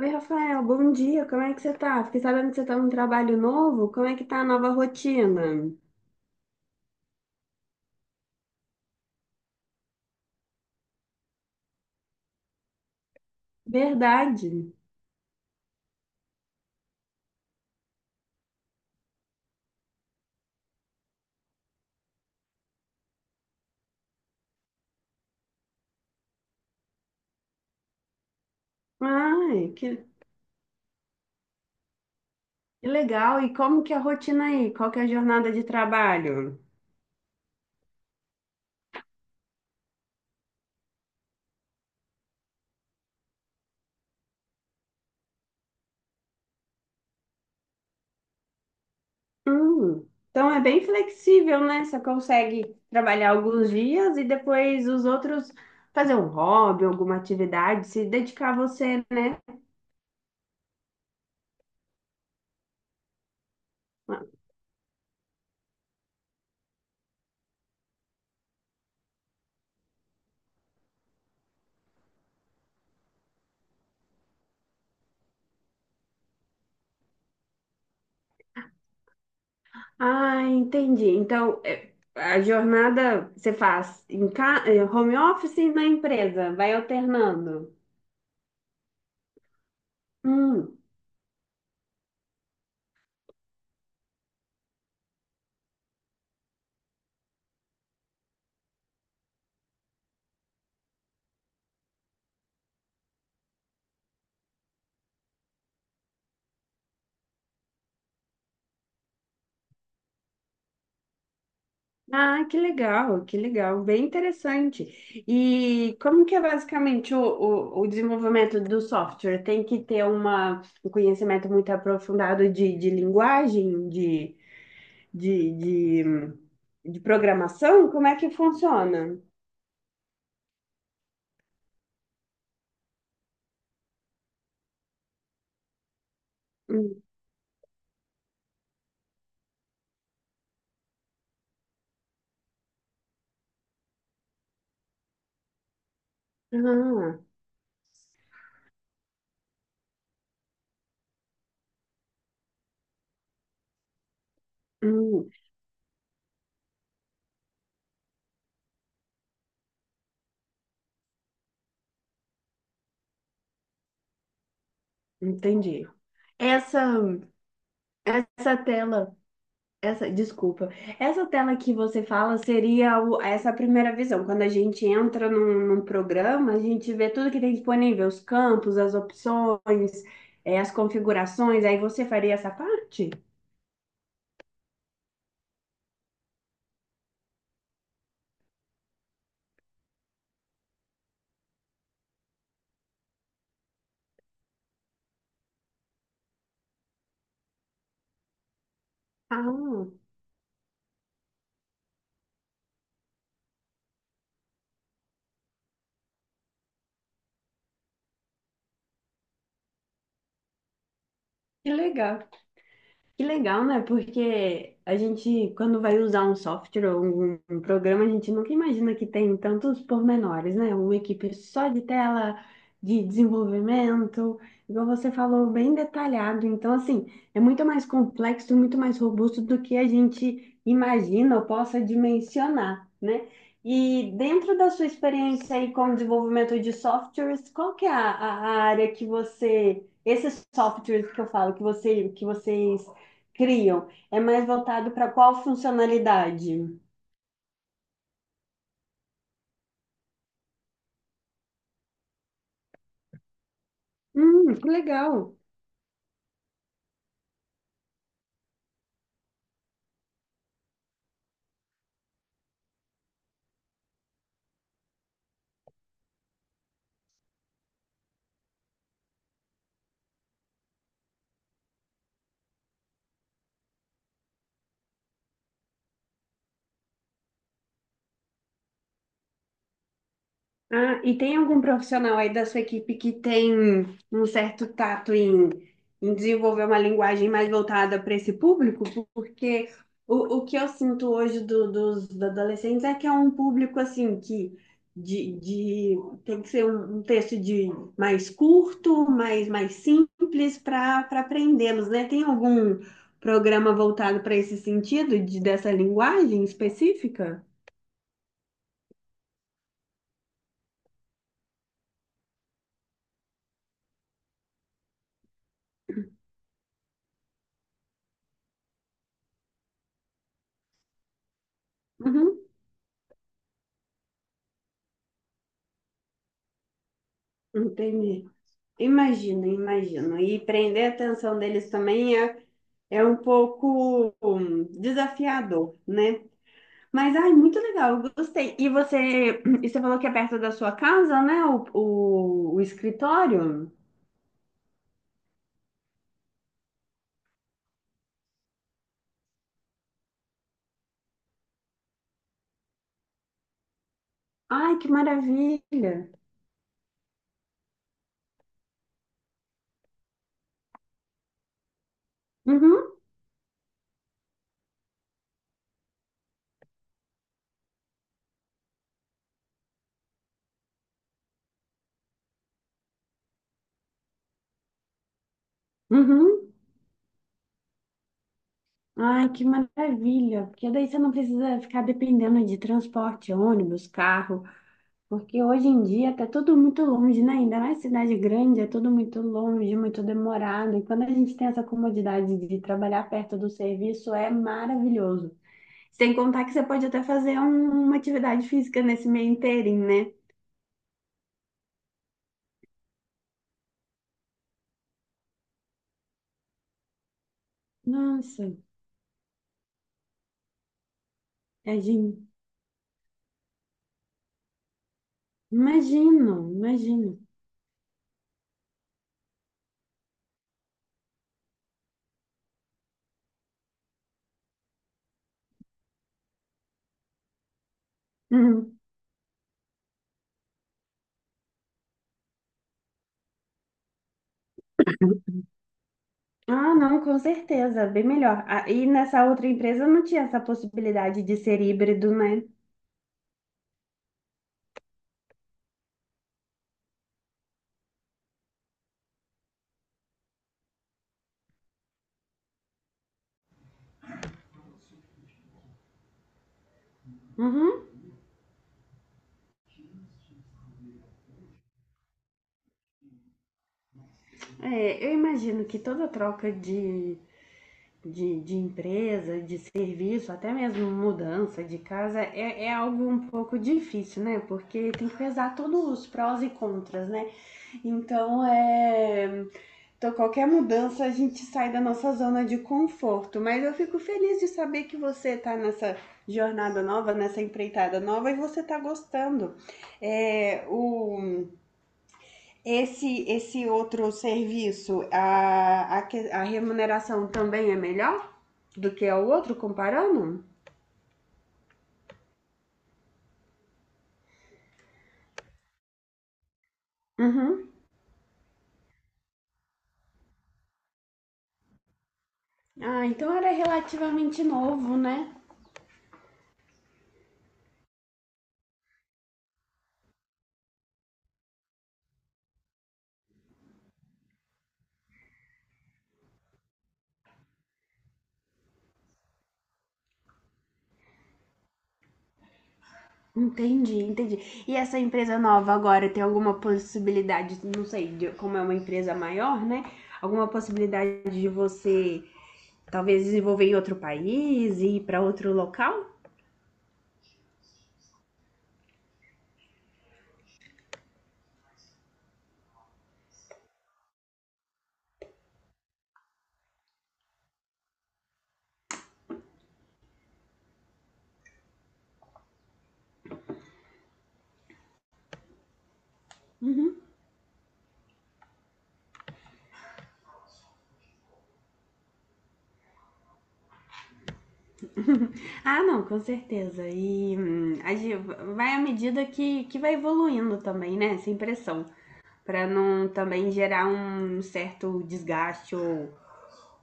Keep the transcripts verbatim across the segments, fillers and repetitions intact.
Oi, Rafael, bom dia, como é que você tá? Fiquei sabendo que você tá num trabalho novo, como é que tá a nova rotina? Verdade. Ai, que, que legal. E como que é a rotina aí? Qual que é a jornada de trabalho? Hum, então é bem flexível, né? Você consegue trabalhar alguns dias e depois os outros fazer um hobby, alguma atividade, se dedicar a você, né? Ah, entendi. Então, é, a jornada você faz em ca... eh, home office e na empresa, vai alternando. Hum. Ah, que legal, que legal, bem interessante. E como que é basicamente o, o, o desenvolvimento do software? Tem que ter uma, um conhecimento muito aprofundado de, de linguagem, de, de, de, de programação? Como é que funciona? Hum. Ah, hum, entendi. Essa. Essa tela, essa, desculpa, essa tela que você fala seria o- essa primeira visão. Quando a gente entra num, num programa, a gente vê tudo que tem disponível, os campos, as opções, eh, as configurações. Aí você faria essa parte? Ah, que legal. Que legal, né? Porque a gente, quando vai usar um software ou um, um programa, a gente nunca imagina que tem tantos pormenores, né? Uma equipe só de tela, de desenvolvimento, igual você falou, bem detalhado. Então, assim, é muito mais complexo, muito mais robusto do que a gente imagina ou possa dimensionar, né? E dentro da sua experiência aí com desenvolvimento de softwares, qual que é a, a a área que você esses softwares que eu falo, que você, que vocês criam. É mais voltado para qual funcionalidade? Hum, que legal. Ah, e tem algum profissional aí da sua equipe que tem um certo tato em, em desenvolver uma linguagem mais voltada para esse público? Porque o, o que eu sinto hoje do- dos adolescentes é que é um público assim que de, de- tem que ser um, um texto de mais curto, mais, mais simples para para aprendê-los, né? Tem algum programa voltado para esse sentido de, dessa linguagem específica? Uhum, entendi. Imagino, imagino. E prender a atenção deles também é, é um pouco hum, desafiador, né? Mas, ai, muito legal, eu gostei. E você, e você falou que é perto da sua casa, né? O, o, o escritório? Ai, que maravilha. Uhum, uhum. Ai, que maravilha. Porque daí você não precisa ficar dependendo de transporte, ônibus, carro. Porque hoje em dia tá tudo muito longe, né? Ainda mais cidade grande, é tudo muito longe, muito demorado. E quando a gente tem essa comodidade de trabalhar perto do serviço, é maravilhoso. Sem contar que você pode até fazer um- uma atividade física nesse meio inteirinho, né? Nossa, é de- imagino, imagino. Uhum. Ah, não, com certeza, bem melhor. Ah, e nessa outra empresa não tinha essa possibilidade de ser híbrido, né? Uhum. É, eu imagino que toda troca de de, de empresa, de serviço, até mesmo mudança de casa, é, é algo um pouco difícil, né? Porque tem que pesar todos os prós e contras, né? Então, é, então, qualquer mudança a gente sai da nossa zona de conforto. Mas eu fico feliz de saber que você tá nessa jornada nova, nessa empreitada nova e você tá gostando. É, o esse, esse outro serviço, a, a, que- a remuneração também é melhor do que o outro, comparando? Uhum. Ah, então era relativamente novo, né? Entendi, entendi. E essa empresa nova agora tem alguma possibilidade, não sei, de- como é uma empresa maior, né? Alguma possibilidade de você talvez desenvolver em outro país e ir para outro local? Ah, não, com certeza. E hum, a gente vai à medida que, que vai evoluindo também, né? Sem pressão. Para não também gerar um certo desgaste ou,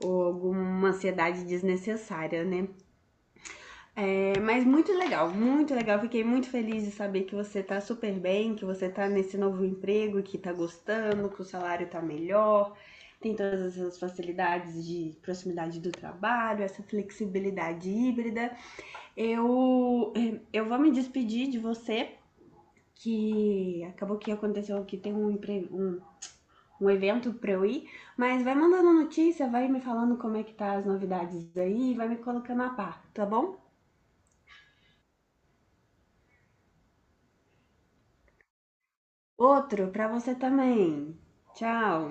ou alguma ansiedade desnecessária, né? É, mas muito legal, muito legal. Fiquei muito feliz de saber que você tá super bem, que você tá nesse novo emprego, que tá gostando, que o salário tá melhor. Tem todas essas facilidades de proximidade do trabalho, essa flexibilidade híbrida. Eu, eh, eu vou me despedir de você, que acabou que aconteceu que tem um, um, um evento pra eu ir, mas vai mandando notícia, vai me falando como é que tá as novidades aí, vai me colocando a par, tá bom? Outro pra você também. Tchau.